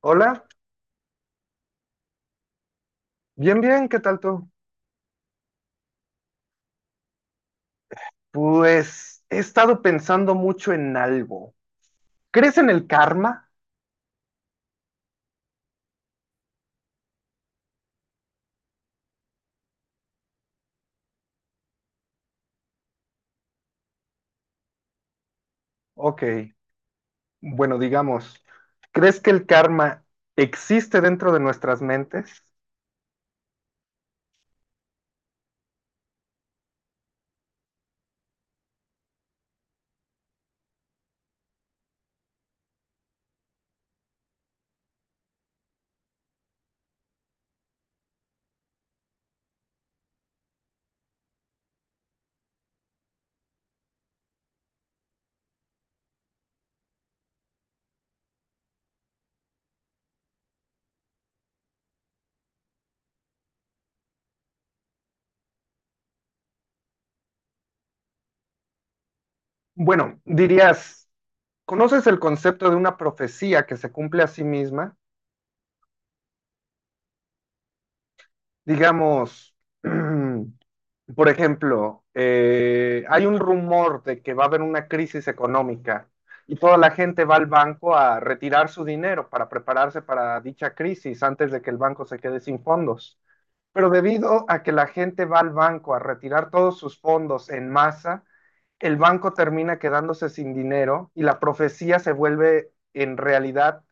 Hola, bien, bien, ¿qué tal tú? Pues he estado pensando mucho en algo. ¿Crees en el karma? Ok, bueno, digamos, ¿crees que el karma existe dentro de nuestras mentes? Bueno, dirías, ¿conoces el concepto de una profecía que se cumple a sí misma? Digamos, Por ejemplo, hay un rumor de que va a haber una crisis económica y toda la gente va al banco a retirar su dinero para prepararse para dicha crisis antes de que el banco se quede sin fondos. Pero debido a que la gente va al banco a retirar todos sus fondos en masa, el banco termina quedándose sin dinero y la profecía se vuelve en realidad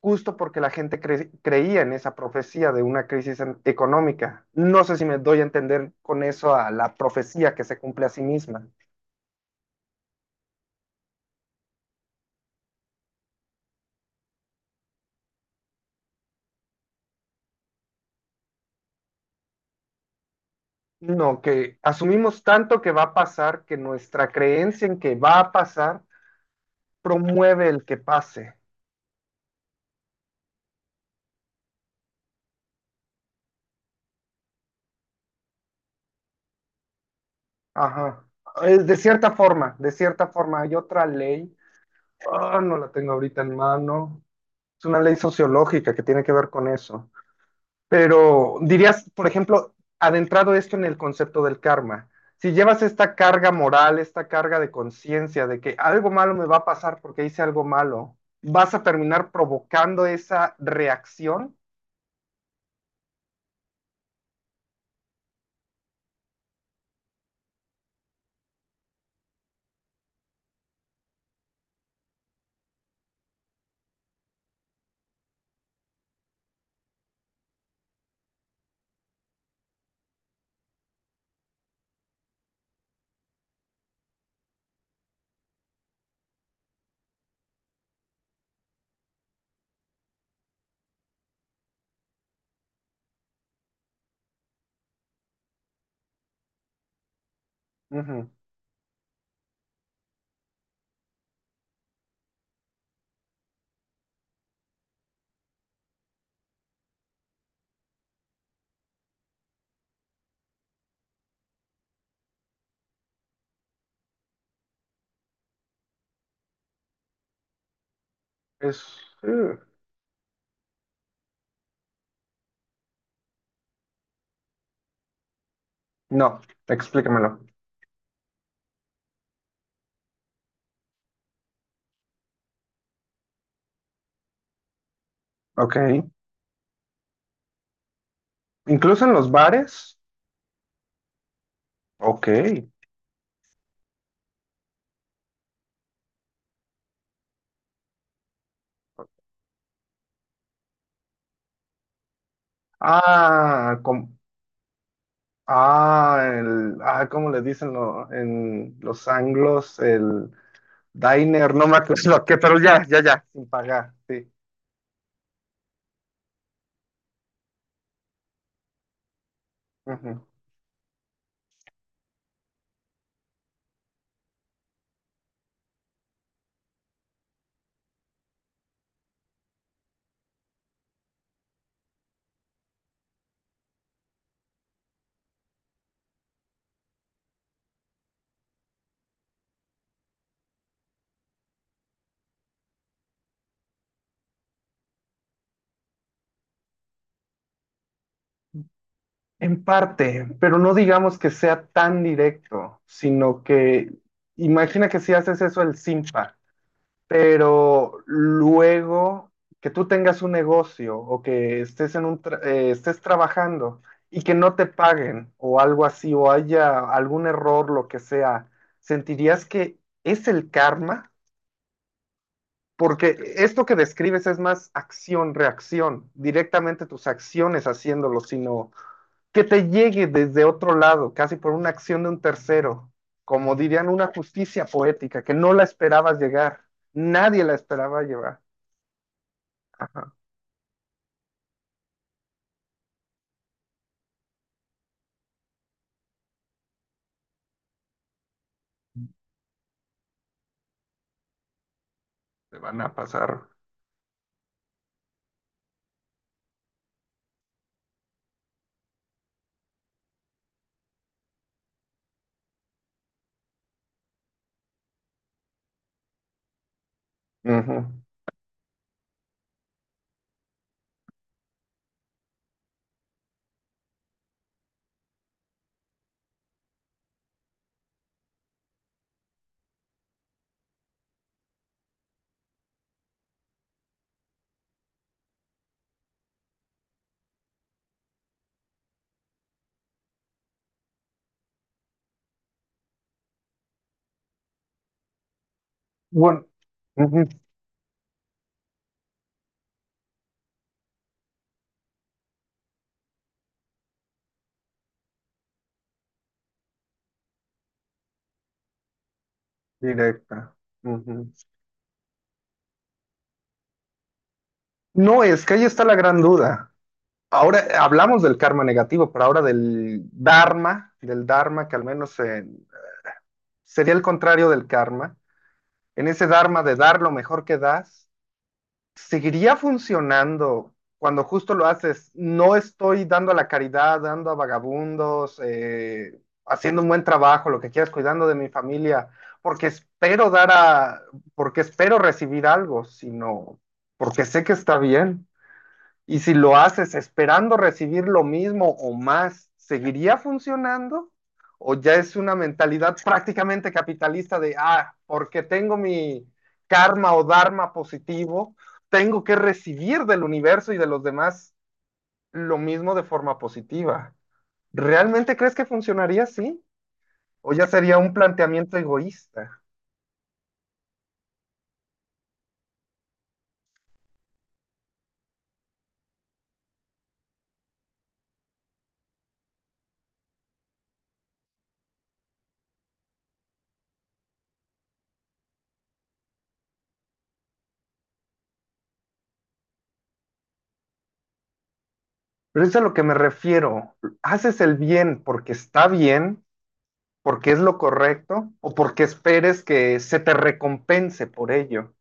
justo porque la gente creía en esa profecía de una crisis económica. No sé si me doy a entender con eso a la profecía que se cumple a sí misma. No, que asumimos tanto que va a pasar que nuestra creencia en que va a pasar promueve el que pase. Ajá. Es de cierta forma, de cierta forma. Hay otra ley, ah, no la tengo ahorita en mano. Es una ley sociológica que tiene que ver con eso. Pero dirías, por ejemplo, adentrado esto en el concepto del karma, si llevas esta carga moral, esta carga de conciencia de que algo malo me va a pasar porque hice algo malo, vas a terminar provocando esa reacción. Ujú. Es... uh, No, explícamelo. Ok. Incluso en los bares. Ok. Ah, ah, ah, ¿cómo le dicen en los anglos? El. Diner, no me acuerdo a qué, pero ya, ya, ya, sin pagar, sí. Ujú. En parte, pero no digamos que sea tan directo, sino que imagina que si haces eso el simpa, pero luego que tú tengas un negocio o que estés en un estés trabajando y que no te paguen o algo así o haya algún error, lo que sea, ¿sentirías que es el karma? Porque esto que describes es más acción-reacción, directamente tus acciones haciéndolo, sino que te llegue desde otro lado, casi por una acción de un tercero, como dirían, una justicia poética, que no la esperabas llegar, nadie la esperaba llevar. Te van a pasar. Ujú. Bueno, ujú, directa. Ujú. No, es que ahí está la gran duda. Ahora hablamos del karma negativo, pero ahora del dharma que al menos en, sería el contrario del karma, en ese dharma de dar lo mejor que das, ¿seguiría funcionando cuando justo lo haces? No estoy dando a la caridad, dando a vagabundos, haciendo un buen trabajo, lo que quieras, cuidando de mi familia, porque espero dar a, porque espero recibir algo, sino porque sé que está bien. Y si lo haces esperando recibir lo mismo o más, ¿seguiría funcionando? ¿O ya es una mentalidad prácticamente capitalista de, ah, porque tengo mi karma o dharma positivo, tengo que recibir del universo y de los demás lo mismo de forma positiva? ¿Realmente crees que funcionaría así? ¿O ya sería un planteamiento egoísta? Pero eso es a lo que me refiero. Haces el bien porque está bien, porque es lo correcto, o porque esperes que se te recompense por ello.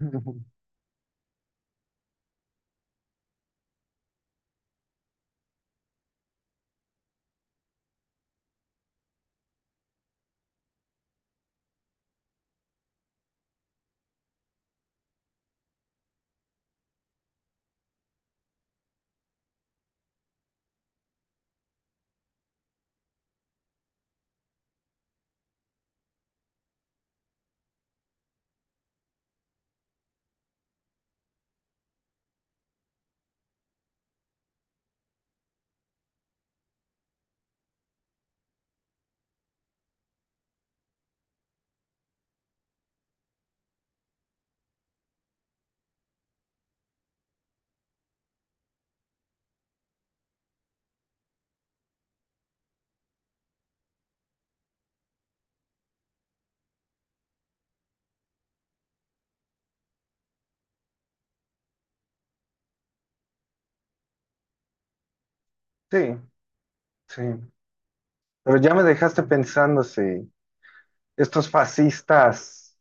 Sí, sí. Pero ya me dejaste pensando si estos fascistas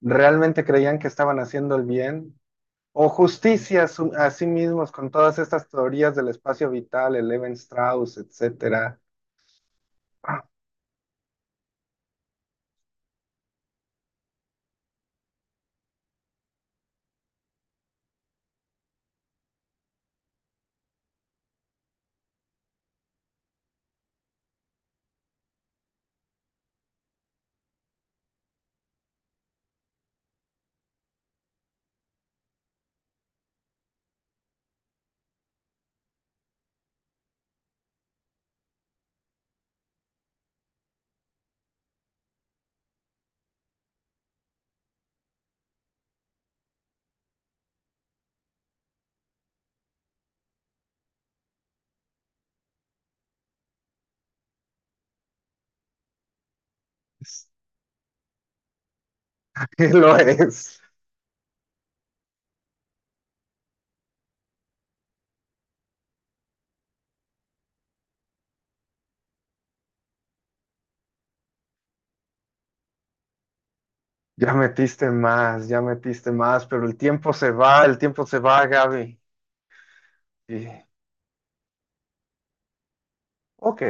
realmente creían que estaban haciendo el bien o justicia a, a sí mismos con todas estas teorías del espacio vital, el Levi Strauss, etcétera. Ah, es- lo es. Ya metiste más, pero el tiempo se va, el tiempo se va, Gaby. Y, ok.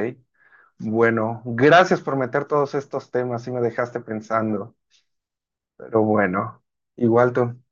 Bueno, gracias por meter todos estos temas y me dejaste pensando, pero bueno, igual tú.